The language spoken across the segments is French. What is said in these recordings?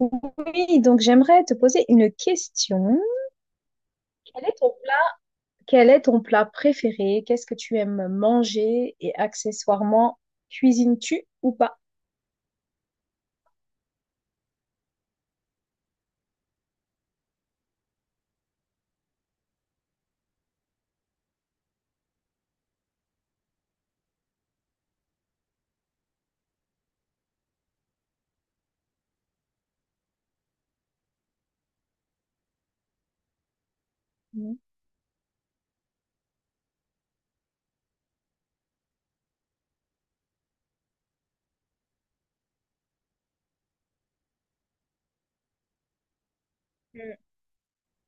Oui, donc j'aimerais te poser une question. Quel est ton plat, quel est ton plat préféré? Qu'est-ce que tu aimes manger? Et accessoirement, cuisines-tu ou pas? Mhm.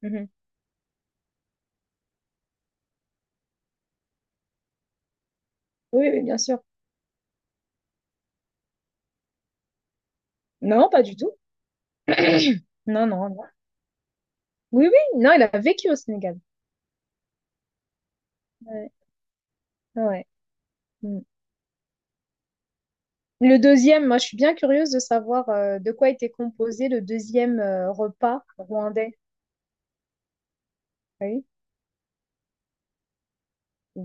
Mhm. Oui, oui, bien sûr. Non, pas du tout. Non, non, non. Oui, oui, non, il a vécu au Sénégal. Ouais. Ouais. Mhm. Le deuxième, moi, je suis bien curieuse de savoir de quoi était composé le deuxième repas rwandais. Oui,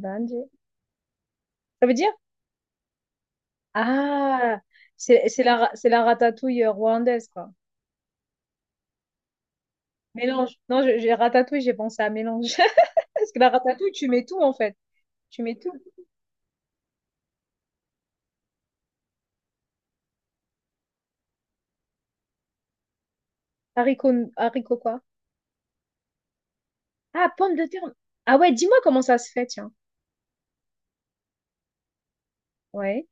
Banje. Ça veut dire? Ah, c'est la ratatouille rwandaise, quoi. Mélange. Non, j'ai ratatouille, j'ai pensé à mélange. Parce que la ratatouille, tu mets tout en fait. Tu mets tout. Haricots, haricots quoi? Ah, pommes de terre. Ah ouais, dis-moi comment ça se fait, tiens. Ouais,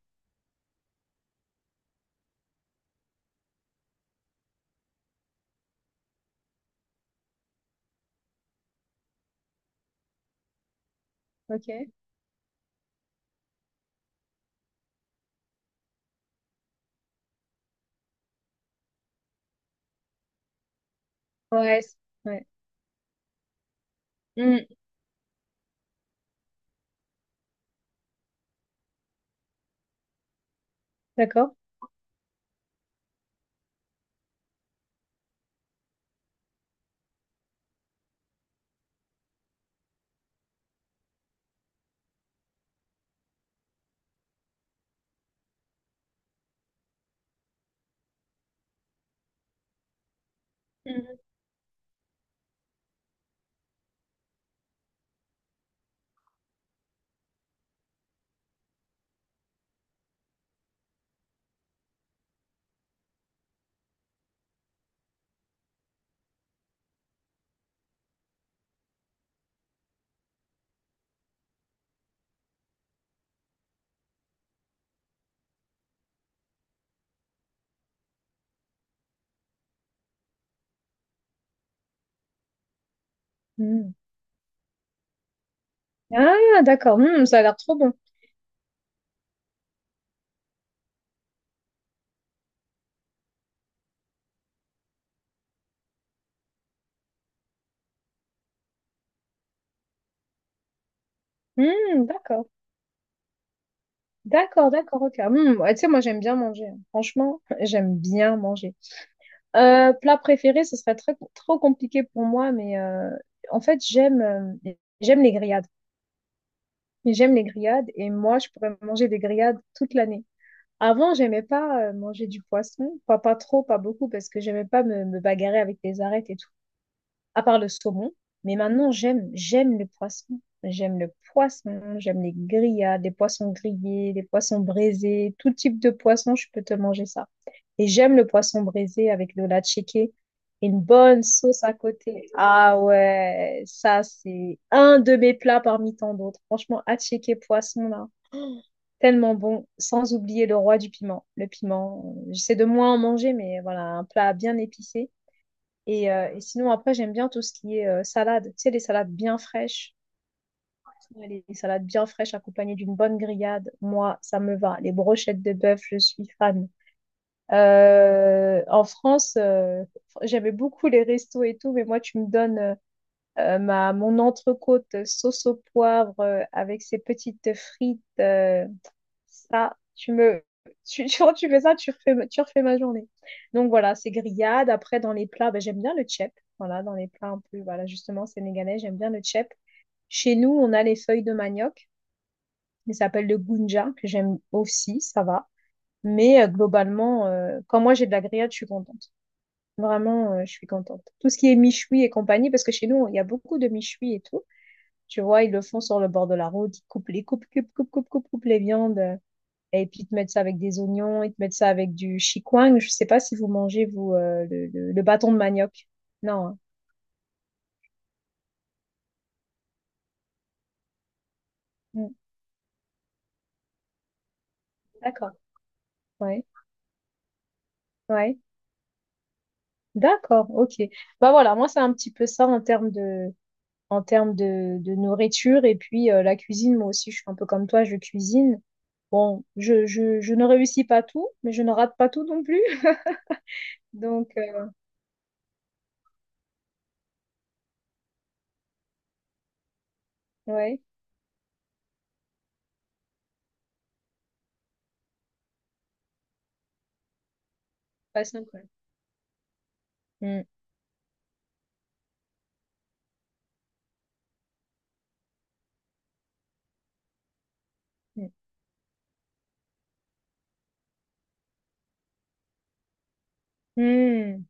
ok. Ouais, ouais. Hmm, d'accord. Mhm. Hmm. Ah, d'accord. Hmm, ça a l'air trop bon. Hmm, d'accord. D'accord, d'accord, ok. Hmm, ouais, tu sais, moi, j'aime bien manger, hein. Franchement, j'aime bien manger. Plat préféré, ce serait très, trop compliqué pour moi, mais en fait, j'aime les grillades. Mais j'aime les grillades et moi, je pourrais manger des grillades toute l'année. Avant, j'aimais pas manger du poisson, pas trop, pas beaucoup, parce que j'aimais pas me bagarrer avec les arêtes et tout, à part le saumon. Mais maintenant, j'aime le poisson. J'aime le poisson, j'aime les grillades, les poissons grillés, les poissons braisés, tout type de poisson, je peux te manger ça. Et j'aime le poisson braisé avec de la et une bonne sauce à côté. Ah ouais, ça, c'est un de mes plats parmi tant d'autres. Franchement, à poisson, là. Tellement bon, sans oublier le roi du piment. Le piment, j'essaie de moins en manger, mais voilà, un plat bien épicé. Et sinon, après, j'aime bien tout ce qui est salade. Tu sais, les salades bien fraîches. Ouais, les salades bien fraîches accompagnées d'une bonne grillade, moi, ça me va. Les brochettes de bœuf, je suis fan. En France, j'aimais beaucoup les restos et tout, mais moi, tu me donnes mon entrecôte sauce au poivre avec ses petites frites. Ça, tu me. Tu, tu, quand tu fais ça, tu refais ma journée. Donc voilà, c'est grillade. Après, dans les plats, ben, j'aime bien le tchèp. Voilà, dans les plats un peu, voilà, justement, sénégalais, j'aime bien le tchèp. Chez nous, on a les feuilles de manioc, mais ça s'appelle le gounja, que j'aime aussi, ça va. Mais globalement, quand moi j'ai de la grillade, je suis contente. Vraiment, je suis contente. Tout ce qui est michoui et compagnie, parce que chez nous, il y a beaucoup de michoui et tout. Tu vois, ils le font sur le bord de la route, ils coupent les coupent, coupent, coupent, coupent, coupent, coupent les viandes. Et puis, ils te mettent ça avec des oignons, ils te mettent ça avec du chikwang. Je sais pas si vous mangez, vous, le bâton de manioc. Non, hein. Mm. D'accord. Ouais. Ouais. D'accord. OK. Bah voilà, moi, c'est un petit peu ça en termes de, de nourriture. Et puis, la cuisine, moi aussi, je suis un peu comme toi, je cuisine. Bon, je ne réussis pas tout, mais je ne rate pas tout non plus. Donc, ouais, pas simple. Mm. Mm. Mm.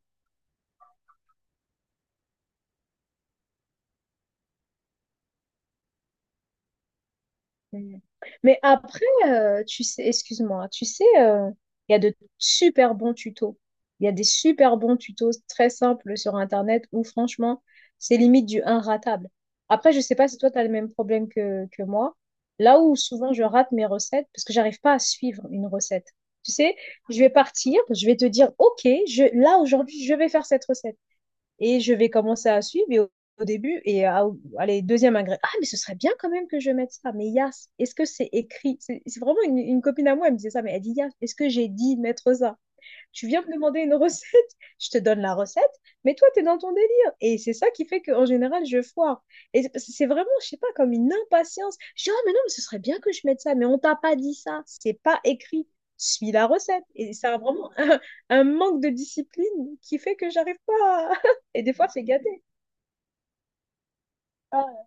Mm. Mais après, tu sais, excuse-moi, tu sais, il y a de super bons tutos. Il y a des super bons tutos très simples sur Internet où franchement, c'est limite du un ratable. Après, je sais pas si toi, tu as le même problème que moi. Là où souvent je rate mes recettes, parce que j'arrive pas à suivre une recette. Tu sais, je vais partir, je vais te dire, OK, là aujourd'hui, je vais faire cette recette. Et je vais commencer à suivre et au début, allez, deuxième ingrédient. Ah, mais ce serait bien quand même que je mette ça. Mais Yas, est-ce que c'est écrit? C'est vraiment une copine à moi, elle me disait ça, mais elle dit Yas, est-ce que j'ai dit de mettre ça? Tu viens me demander une recette, je te donne la recette, mais toi, tu es dans ton délire. Et c'est ça qui fait qu'en général, je foire. Et c'est vraiment, je sais pas, comme une impatience. Je dis, ah, mais non, mais ce serait bien que je mette ça, mais on t'a pas dit ça, c'est pas écrit, suis la recette. Et ça a vraiment un manque de discipline qui fait que j'arrive pas. Et des fois, c'est gâté. Ah,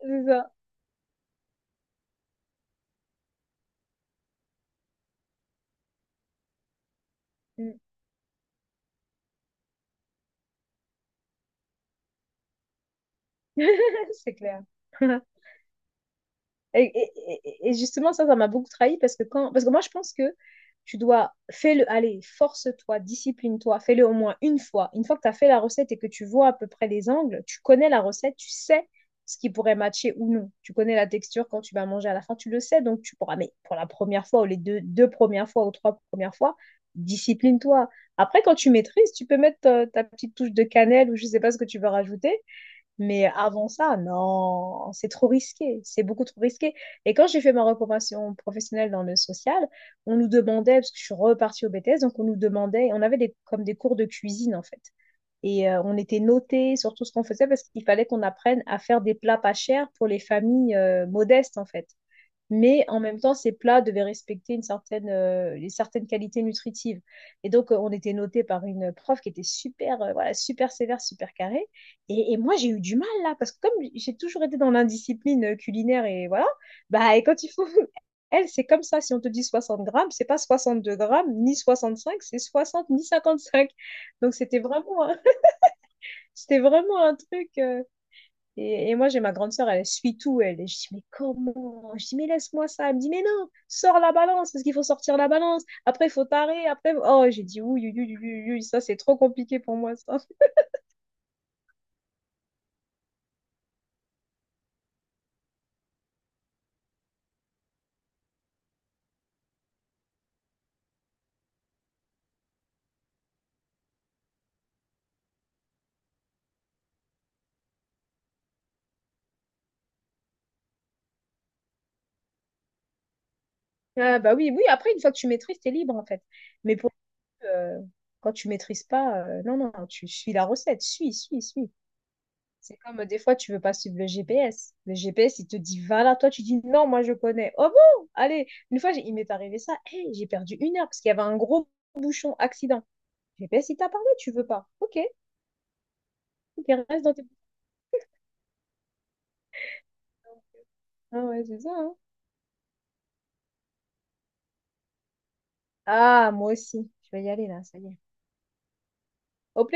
c'est ça. C'est clair. Et, et- et justement, ça m'a beaucoup trahi parce parce que moi, je pense que tu dois, fais-le, allez, force-toi, discipline-toi, fais-le au moins une fois. Une fois que tu as fait la recette et que tu vois à peu près les angles, tu connais la recette, tu sais ce qui pourrait matcher ou non. Tu connais la texture quand tu vas manger à la fin, tu le sais, donc tu pourras, mais pour la première fois ou les deux premières fois ou trois premières fois, discipline-toi. Après, quand tu maîtrises, tu peux mettre ta, petite touche de cannelle ou je sais pas ce que tu veux rajouter. Mais avant ça, non, c'est trop risqué, c'est beaucoup trop risqué. Et quand j'ai fait ma reconversion professionnelle dans le social, on nous demandait, parce que je suis repartie au BTS, donc on nous demandait, on avait des, comme des cours de cuisine en fait. Et on était notés sur tout ce qu'on faisait parce qu'il fallait qu'on apprenne à faire des plats pas chers pour les familles modestes en fait, mais en même temps, ces plats devaient respecter une certaine qualité nutritive. Et donc, on était noté par une prof qui était super, voilà, super sévère, super carrée. Et moi, j'ai eu du mal là, parce que comme j'ai toujours été dans l'indiscipline culinaire et voilà, bah, et quand il faut. Elle, c'est comme ça. Si on te dit 60 grammes, c'est pas 62 grammes, ni 65, c'est 60, ni 55. Donc, c'était vraiment, c'était vraiment un truc. Et moi, j'ai ma grande sœur, elle suit tout. Et je dis, mais comment? Je dis, mais laisse-moi ça. Elle me dit, mais non, sors la balance, parce qu'il faut sortir la balance. Après, il faut tarer. Après, oh, j'ai dit, oui, oui, oui, oui, oui, ça, c'est trop compliqué pour moi, ça. Ah, bah oui, oui, après, une fois que tu maîtrises, t'es libre, en fait. Mais pour euh, quand tu maîtrises pas, non, non, tu suis la recette. Suis, suis, suis. C'est comme des fois, tu veux pas suivre le GPS. Le GPS, il te dit, va là, toi, tu dis, non, moi, je connais. Oh bon? Allez, une fois, il m'est arrivé ça. Hey, j'ai perdu 1 heure, parce qu'il y avait un gros bouchon accident. J'ai fait, si t'as parlé, tu veux pas. Ok, ok, reste dans tes... Ah ouais, c'est ça, hein. Ah, moi aussi. Je vais y aller là, ça y est. Hop.